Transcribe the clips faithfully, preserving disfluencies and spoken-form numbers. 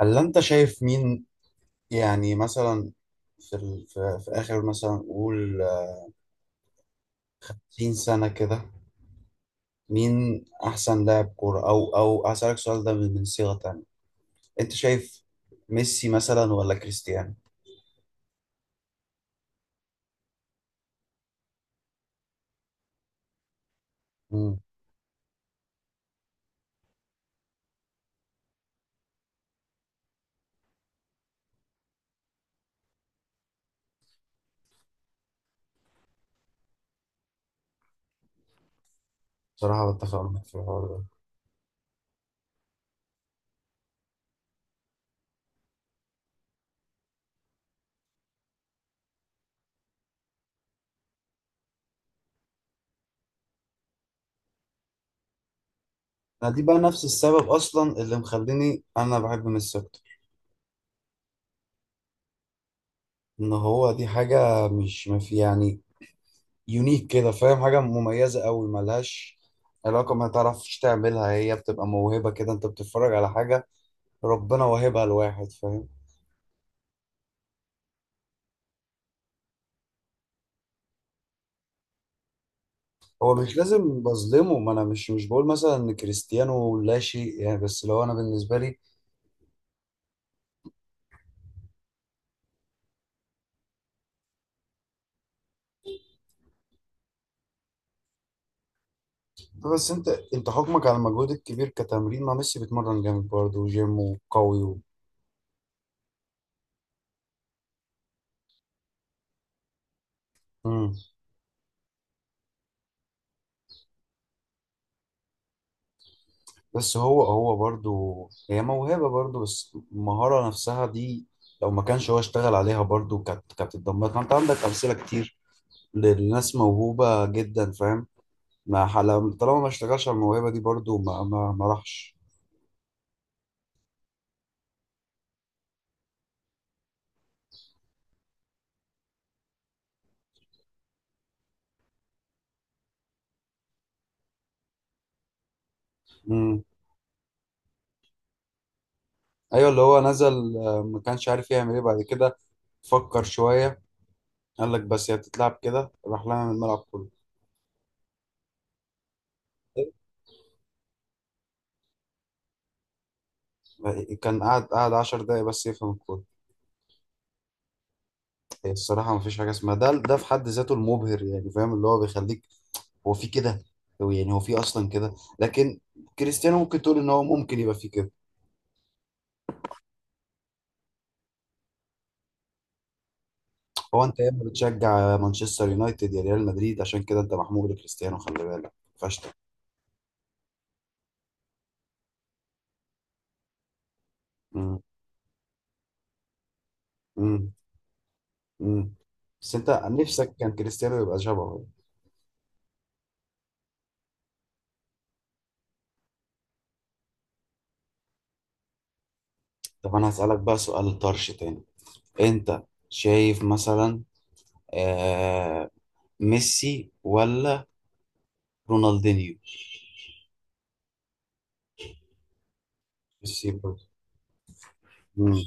هل انت شايف مين يعني مثلا في ال... في... في اخر مثلا قول ستين سنة كده؟ مين احسن لاعب كورة او او هسألك السؤال ده من من صيغة تانية. انت شايف ميسي مثلا ولا كريستيانو؟ امم بصراحة بتفق معاك في الحوار ده. أنا دي بقى نفس السبب اصلا اللي مخليني انا بحب ميسي اكتر. ان هو دي حاجة مش ما في يعني يونيك كده، فاهم؟ حاجة مميزة قوي ملهاش علاقة، ما تعرفش تعملها، هي بتبقى موهبة كده. انت بتتفرج على حاجة ربنا واهبها لواحد، فاهم؟ هو مش لازم بظلمه، ما انا مش مش بقول مثلا ان كريستيانو لا شيء يعني، بس لو انا بالنسبه لي. بس انت انت حكمك على المجهود الكبير كتمرين، ما ميسي بيتمرن جامد برضه وجيم وقوي و... مم. بس هو هو برضه هي موهبه برضه، بس المهاره نفسها دي لو ما كانش هو اشتغل عليها برضه كانت كانت اتدمرت. ما انت عندك امثله كتير للناس موهوبه جدا، فاهم؟ ما حل- طالما ما اشتغلش على الموهبه دي برضه ما ما ما راحش. ايوه، اللي هو نزل، آه، ما كانش عارف يعمل ايه بعد كده. فكر شويه قال لك بس هي بتتلعب كده، راح لها من الملعب كله. كان قاعد قاعد عشر دقايق بس يفهم الكورة. هي الصراحة ما فيش حاجة اسمها ده ده في حد ذاته المبهر، يعني فاهم؟ اللي هو بيخليك هو في كده، هو يعني هو في أصلا كده، لكن كريستيانو ممكن تقول إن هو ممكن يبقى في كده. هو أنت يا إما بتشجع مانشستر يونايتد يا ريال مدريد، عشان كده أنت محمود لكريستيانو، خلي بالك فشتك. مم. مم. مم. بس أنت نفسك كان كريستيانو يبقى شبهه. طب انا هسألك بقى سؤال طرش تاني. انت شايف مثلا آه، ميسي ولا رونالدينيو؟ ميسي برضه. مم.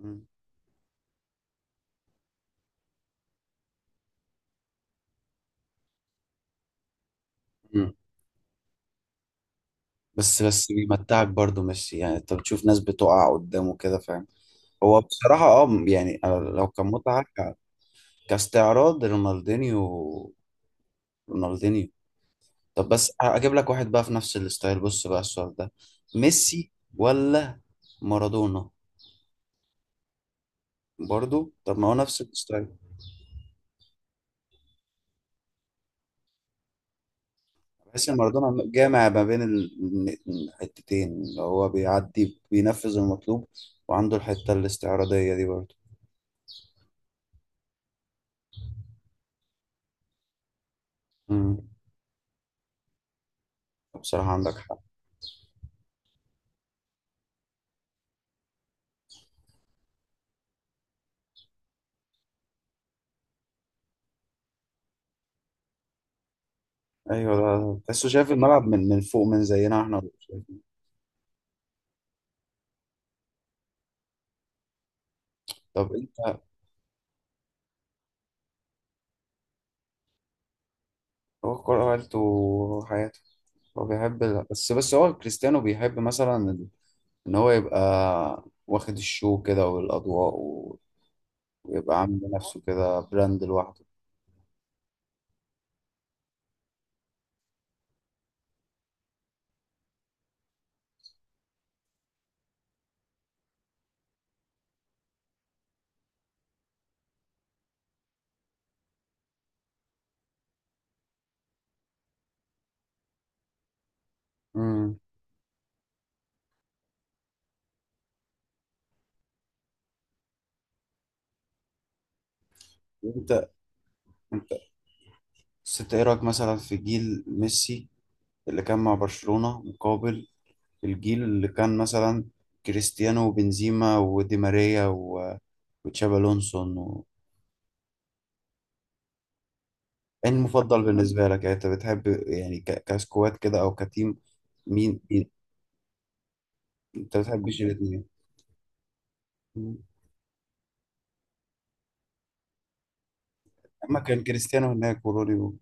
مم. مم. بس بس بيمتعك برضو ميسي، يعني انت بتشوف ناس بتقع قدامه كده، فاهم؟ هو بصراحة اه يعني أنا لو كان متعة ك- كاستعراض رونالدينيو. رونالدينيو طب بس اجيب لك واحد بقى في نفس الستايل، بص بقى السؤال ده. ميسي ولا مارادونا؟ برضو؟ طب ما هو نفس الستايل. تحس ان مارادونا جامع ما بين ال- الحتتين، اللي هو بيعدي بينفذ المطلوب وعنده الحتة الاستعراضية دي برضه. امم بصراحة عندك حق. ايوه، ده تحسه شايف الملعب من من فوق، من زينا احنا. طب انت، هو الكورة عيلته وحياته. هو بيحب، بس بس هو كريستيانو بيحب مثلا ال- ان هو يبقى واخد الشو كده والاضواء و- ويبقى عامل لنفسه كده براند لوحده. امم انت انت، بس انت ايه رايك مثلا في جيل ميسي اللي كان مع برشلونة مقابل الجيل اللي كان مثلا كريستيانو وبنزيما ودي ماريا و- وتشابي الونسو و... ايه المفضل بالنسبة لك؟ يعني انت بتحب يعني ك... كسكواد كده او كتيم؟ مين مين؟ انت بتحبش الاثنين؟ اما كان كريستيانو هناك ورودي و...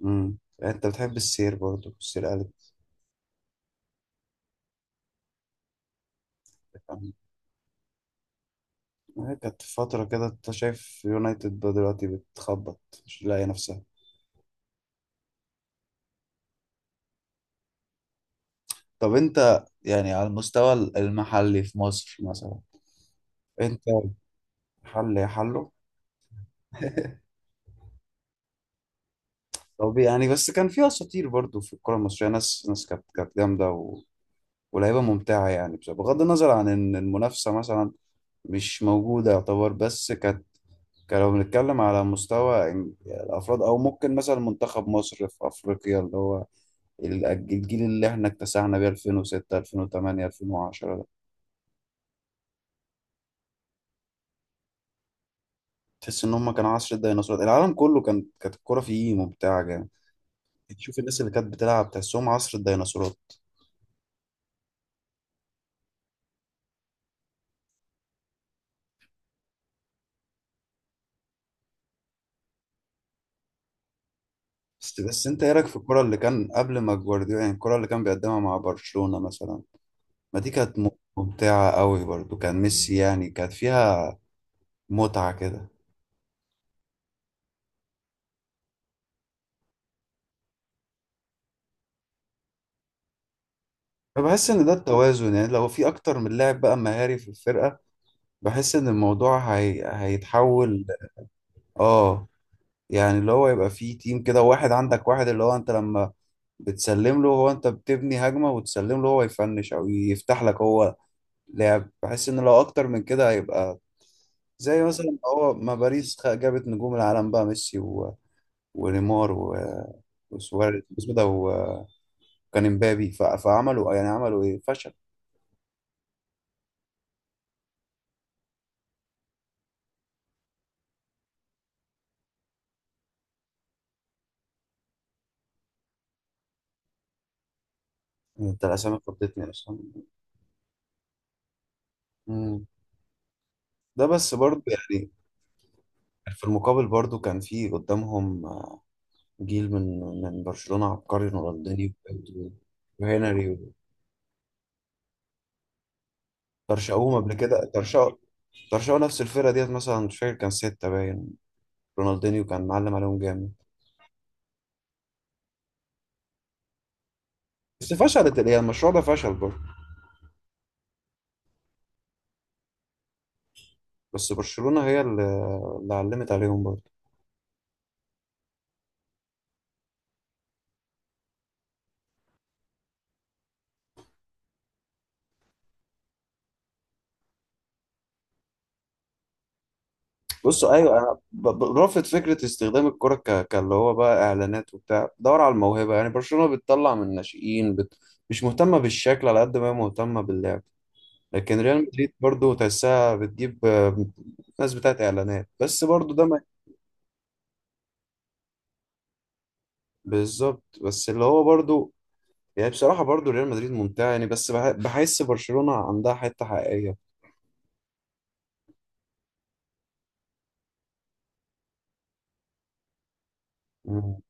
مم. يعني انت بتحب السير برضه، السير قالت. تفهم. هي كانت فترة كده، انت شايف يونايتد دلوقتي بتخبط، مش لاقية نفسها. طب انت يعني على المستوى المحلي في مصر مثلا، انت، حل يا حلو. طب يعني بس كان فيها اساطير برضو في الكره المصريه، ناس ناس كانت كانت جامده و... ولعيبه ممتعه يعني. بس بغض النظر عن ان المنافسه مثلا مش موجوده يعتبر، بس كانت. كان لو بنتكلم على مستوى إن- الافراد، او ممكن مثلا منتخب مصر في افريقيا، اللي هو ال- الجيل اللي احنا اكتسحنا بيه ألفين وستة ألفين وتمانية ألفين وعشرة ده. تحس ان هم كانوا عصر الديناصورات، العالم كله كان كانت الكوره فيه ممتعه جامد. تشوف الناس اللي كانت بتلعب تحسهم عصر الديناصورات. بس بس انت ايه رايك في الكرة اللي كان قبل ما جوارديولا، يعني الكرة اللي كان بيقدمها مع برشلونة مثلا، ما دي كانت ممتعة قوي برضو. كان ميسي يعني كانت فيها متعة كده. فبحس ان ده التوازن، يعني لو في اكتر من لاعب بقى مهاري في الفرقة، بحس ان الموضوع هي... هيتحول. اه، يعني اللي هو يبقى فيه تيم كده، واحد عندك واحد اللي هو انت لما بتسلم له هو، انت بتبني هجمة وتسلم له هو يفنش او يفتح لك هو لعب. بحس ان لو اكتر من كده هيبقى، زي مثلا هو ما باريس خ- جابت نجوم العالم بقى ميسي و... ونيمار و... وسواريز اسمه إيه ده، وكان امبابي ف... فعملوا يعني عملوا ايه؟ فشل. انت الاسامي فضتني اصلا. مم. ده بس برضه يعني، في المقابل برضه كان في قدامهم، آه، جيل من من برشلونة عبقري: رونالدينيو وبيدرو وهنري. ترشقوهم قبل كده، ترشقوا، ترشقوا نفس الفرقة ديت مثلا، مش فاكر كان ستة باين. رونالدينيو كان معلم عليهم جامد. بس فشلت الإيه، المشروع ده فشل برضه. بس برشلونة هي اللي، اللي علمت عليهم برضه. بصوا ايوه، انا ب- ب- برافض فكره استخدام الكره ك... كاللي هو بقى اعلانات وبتاع. دور على الموهبه، يعني برشلونة بتطلع من الناشئين بت... مش مهتمه بالشكل على قد ما هي مهتمه باللعب. لكن ريال مدريد برضه تحسها بتجيب، آه، ناس بتاعت اعلانات، بس برضه ده ما... بالظبط، بس اللي هو برضه يعني. بصراحه برضه ريال مدريد ممتع يعني، بس بح... بحس برشلونة عندها حته حقيقيه. مم.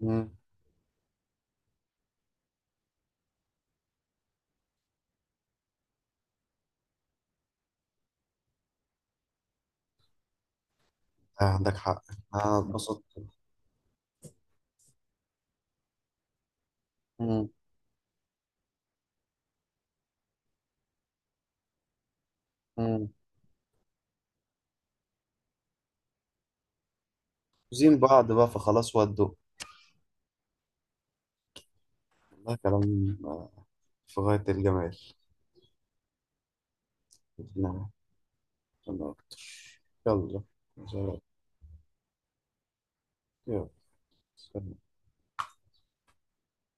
مم. آه، عندك حق. أنا اتبسطت. مم. مم. عاوزين بعض بقى فخلاص ودوا. والله كلام، آه، في غاية الجمال. نعم. أنا أكتر. يلا. سلام. يلا. سلام.